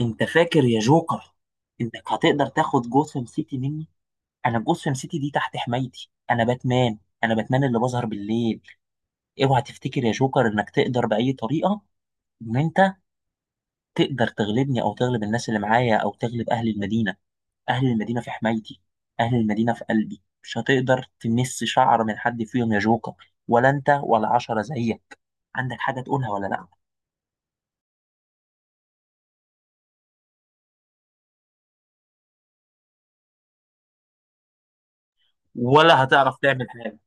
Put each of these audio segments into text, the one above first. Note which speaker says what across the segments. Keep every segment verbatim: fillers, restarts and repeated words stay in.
Speaker 1: انت فاكر يا جوكر انك هتقدر تاخد جوثام سيتي مني. انا جوثام سيتي دي تحت حمايتي، انا باتمان. انا باتمان اللي بظهر بالليل. اوعى تفتكر يا جوكر انك تقدر باي طريقه ان انت تقدر تغلبني او تغلب الناس اللي معايا او تغلب اهل المدينه. اهل المدينه في حمايتي، اهل المدينه في قلبي، مش هتقدر تمس شعر من حد فيهم يا جوكر، ولا انت ولا عشرة زيك. عندك حاجه تقولها ولا لا؟ ولا هتعرف تعمل حاجه.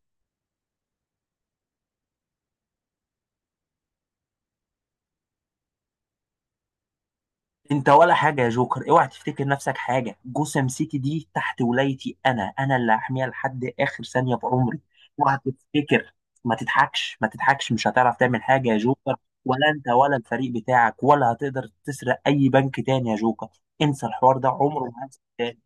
Speaker 1: انت ولا حاجه يا جوكر، اوعى تفتكر نفسك حاجه، جوسم سيتي دي تحت ولايتي، انا انا اللي هحميها لحد اخر ثانيه في عمري. اوعى تفتكر. ما تضحكش ما تضحكش، مش هتعرف تعمل حاجه يا جوكر، ولا انت ولا الفريق بتاعك، ولا هتقدر تسرق اي بنك تاني يا جوكر. انسى الحوار ده، عمره ما هنسى تاني.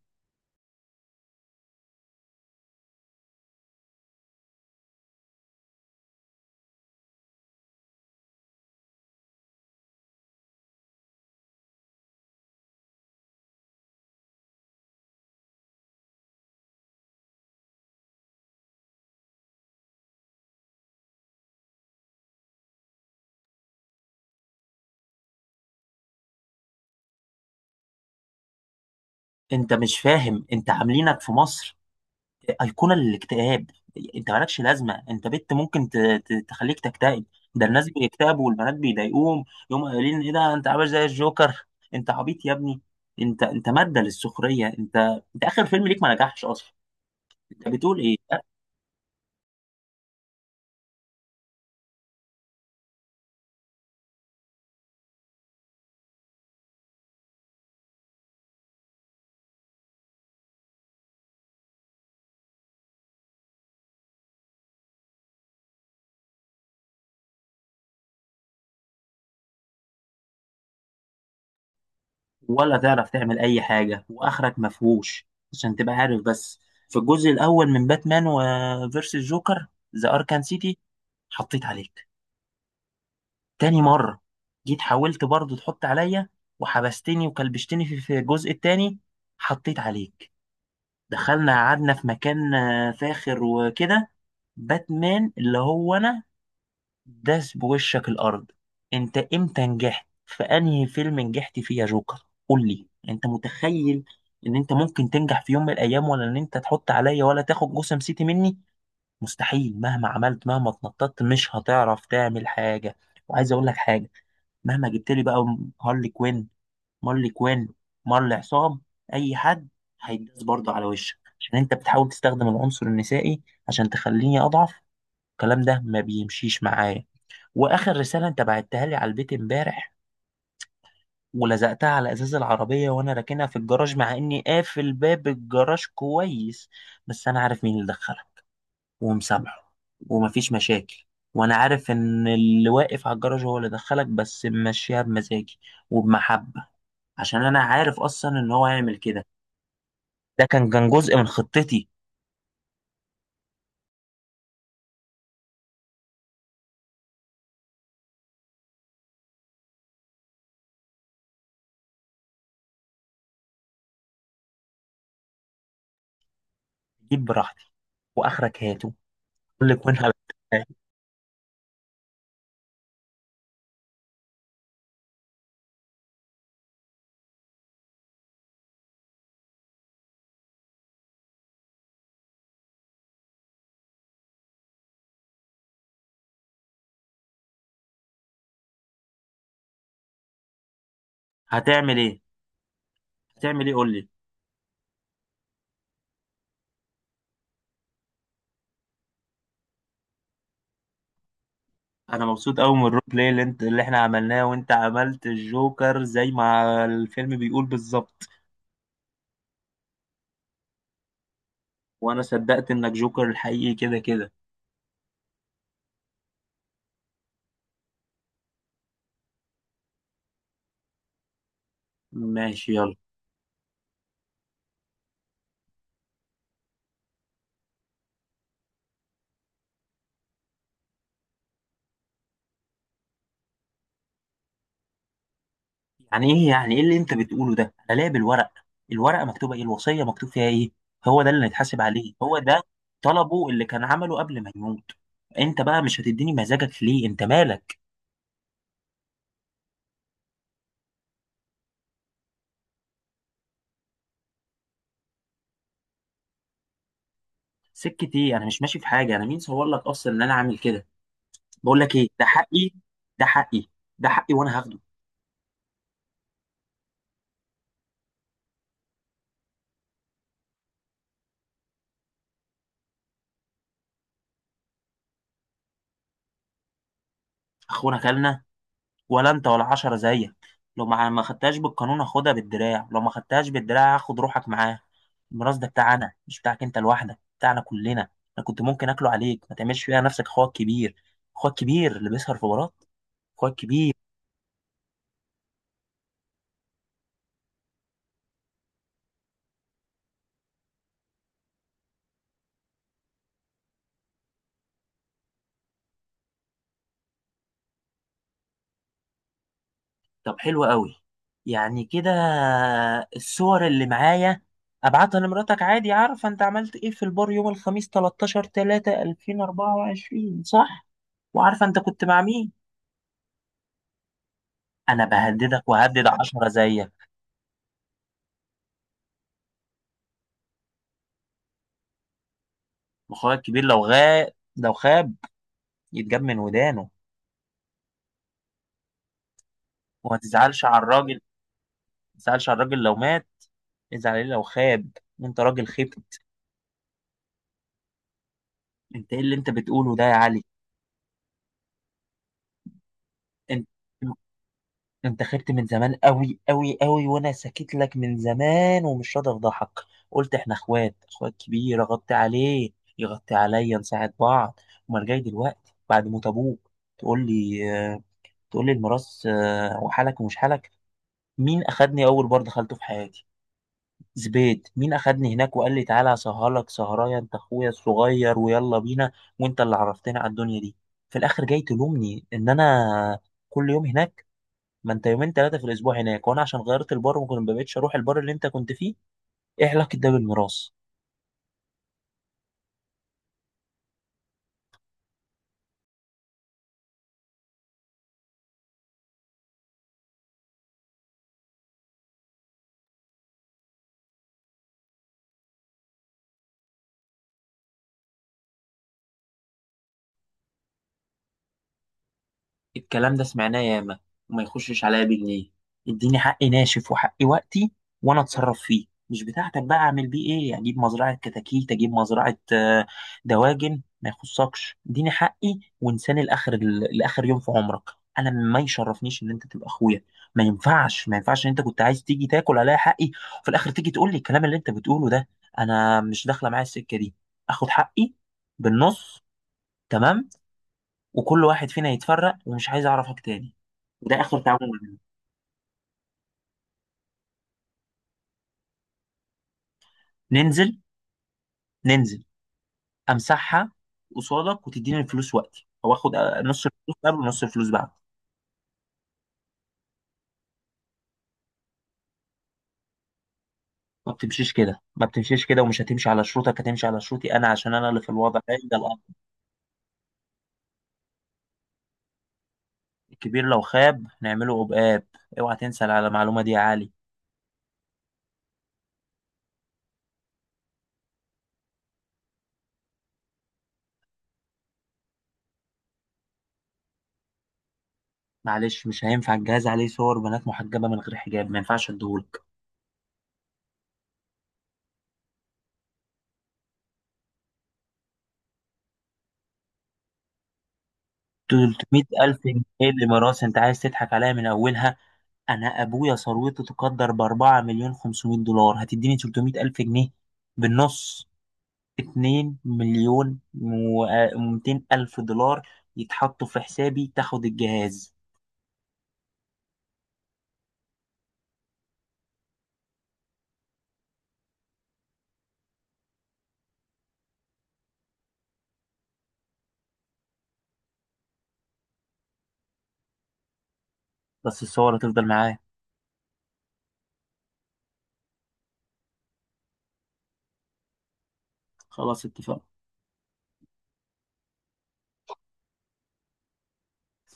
Speaker 1: انت مش فاهم، انت عاملينك في مصر أيقونة للاكتئاب. أنت مالكش لازمة، أنت بنت ممكن ت- ت- تخليك تكتئب. ده الناس بيكتئبوا والبنات بيضايقوهم، يقوموا قايلين إيه ده، أنت عامل زي الجوكر. أنت عبيط يا ابني. أنت أنت مادة للسخرية. أنت أنت آخر فيلم ليك ما نجحش أصلا. أنت بتقول إيه؟ ولا تعرف تعمل أي حاجة وآخرك مفهوش. عشان تبقى عارف بس، في الجزء الأول من باتمان وفيرسس جوكر، ذا أركان سيتي، حطيت عليك. تاني مرة جيت حاولت برضو تحط عليا وحبستني وكلبشتني. في في الجزء التاني حطيت عليك. دخلنا قعدنا في مكان آه، فاخر وكده. باتمان اللي هو انا داس بوشك الارض. انت امتى نجحت؟ في انهي فيلم نجحت فيه يا جوكر؟ قول لي، انت متخيل ان انت ممكن تنجح في يوم من الايام؟ ولا ان انت تحط عليا؟ ولا تاخد جسم سيتي مني؟ مستحيل، مهما عملت، مهما اتنططت، مش هتعرف تعمل حاجة. وعايز اقول لك حاجة، مهما جبت لي بقى هارلي كوين، مارلي كوين، مارلي عصام، اي حد، هيداس برضه على وشك. عشان انت بتحاول تستخدم العنصر النسائي عشان تخليني اضعف، الكلام ده ما بيمشيش معايا. واخر رساله انت بعتها لي على البيت امبارح ولزقتها على ازاز العربيه وانا راكنها في الجراج، مع اني قافل باب الجراج كويس، بس انا عارف مين اللي دخلها، ومسامحه ومفيش مشاكل. وانا عارف ان اللي واقف على الجراج هو اللي دخلك، بس ماشيها بمزاجي وبمحبه، عشان انا عارف اصلا ان هو هيعمل كده. ده كان كان جزء من خطتي. جيب براحتي، واخرك هاته. قول لي كون هبت- هتعمل ايه؟ هتعمل ايه؟ قول لي. انا مبسوط قوي من الرول بلاي اللي انت اللي احنا عملناه، وانت عملت الجوكر زي ما الفيلم بيقول بالظبط. وانا صدقت انك جوكر الحقيقي، كده كده. ماشي، يلا. يعني ايه؟ يعني ايه اللي انت بتقوله ده؟ انا ليا بالورق، الورقه مكتوبه ايه؟ الوصيه مكتوب فيها ايه؟ هو ده اللي هيتحاسب عليه، هو ده طلبه اللي كان عمله قبل ما يموت. انت بقى مش هتديني مزاجك؟ ليه، انت مالك؟ سكة ايه؟ انا مش ماشي في حاجه، انا مين صور لك اصلا ان انا عامل كده؟ بقول لك ايه، ده حقي، ده حقي، ده حقي وانا هاخده. اخونا كلنا، ولا انت ولا عشرة زيك. لو ما ما خدتهاش بالقانون هاخدها بالدراع، لو ما خدتهاش بالدراع هاخد روحك معاه. الميراث ده بتاعنا، مش بتاعك انت لوحدك، بتاعنا كلنا. انا كنت ممكن اكله عليك، ما تعملش فيها نفسك اخوك كبير. اخوك كبير اللي بيسهر في بارات. اخوك كبير. طب حلو قوي، يعني كده؟ الصور اللي معايا ابعتها لمراتك عادي، عارفه انت عملت ايه في البار يوم الخميس تلتاشر تلاته الفين واربعه وعشرين، صح؟ وعارفه انت كنت مع مين. انا بهددك وهدد عشرة زيك. واخويا الكبير لو غاب لو خاب يتجاب من ودانه. وما تزعلش على الراجل، ما تزعلش على الراجل لو مات، ازعل عليه لو خاب، انت راجل خبت. انت ايه اللي انت بتقوله ده يا علي؟ انت انت خبت من زمان قوي قوي قوي، وانا ساكت لك من زمان ومش راضي افضحك. قلت احنا اخوات، اخوات كبير اغطي عليه يغطي عليا، نساعد بعض. امال جاي دلوقتي بعد موت ابوك تقول لي آه، تقول لي الميراث آه، وحالك ومش حالك؟ مين اخدني اول بار دخلته في حياتي؟ زبيت! مين اخدني هناك وقال لي تعالى اسهرلك سهرايه، انت اخويا الصغير ويلا بينا؟ وانت اللي عرفتني على الدنيا دي. في الاخر جاي تلومني ان انا كل يوم هناك؟ ما انت يومين ثلاثه في الاسبوع هناك، وانا عشان غيرت البار وما كنت- ما بقتش اروح البار اللي انت كنت فيه. ايه علاقه ده بالميراث؟ الكلام ده سمعناه ياما، وما يخشش عليا بجنيه. اديني حقي ناشف، وحقي وقتي، وانا اتصرف فيه، مش بتاعتك. بقى اعمل بيه ايه؟ اجيب مزرعه كتاكيت، اجيب مزرعه آه، دواجن، ما يخصكش. اديني حقي وانساني لاخر، لاخر يوم في عمرك. انا ما يشرفنيش ان انت تبقى اخويا. ما ينفعش ما ينفعش ان انت كنت عايز تيجي تاكل عليا حقي، وفي الاخر تيجي تقول لي الكلام اللي انت بتقوله ده. انا مش داخله معايا السكه دي. اخد حقي بالنص، تمام، وكل واحد فينا يتفرق، ومش عايز اعرفك تاني، ده اخر تعامل معانا. ننزل، ننزل امسحها قصادك وتديني الفلوس وقتي، او اخد نص الفلوس قبل ونص الفلوس بعد. ما بتمشيش كده ما بتمشيش كده، ومش هتمشي على شروطك، هتمشي على شروطي انا، عشان انا اللي في الوضع ده، ده الامر. الكبير لو خاب نعمله عقاب، اوعى تنسى على المعلومه دي يا علي. معلش، مش هينفع، الجهاز عليه صور بنات محجبه من غير حجاب، ما ينفعش اديهولك. تلتمية الف جنيه اللي ميراث، انت عايز تضحك عليا من اولها؟ انا ابويا ثروته تقدر باربعة مليون خمسمائة دولار، هتديني تلتمية الف جنيه بالنص؟ اثنين مليون و200 الف دولار يتحطوا في حسابي، تاخد الجهاز. بس الصورة تفضل معايا. خلاص، اتفقنا.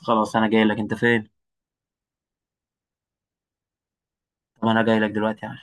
Speaker 1: خلاص انا جاي لك، انت فين؟ طب انا جاي لك دلوقتي يا عم.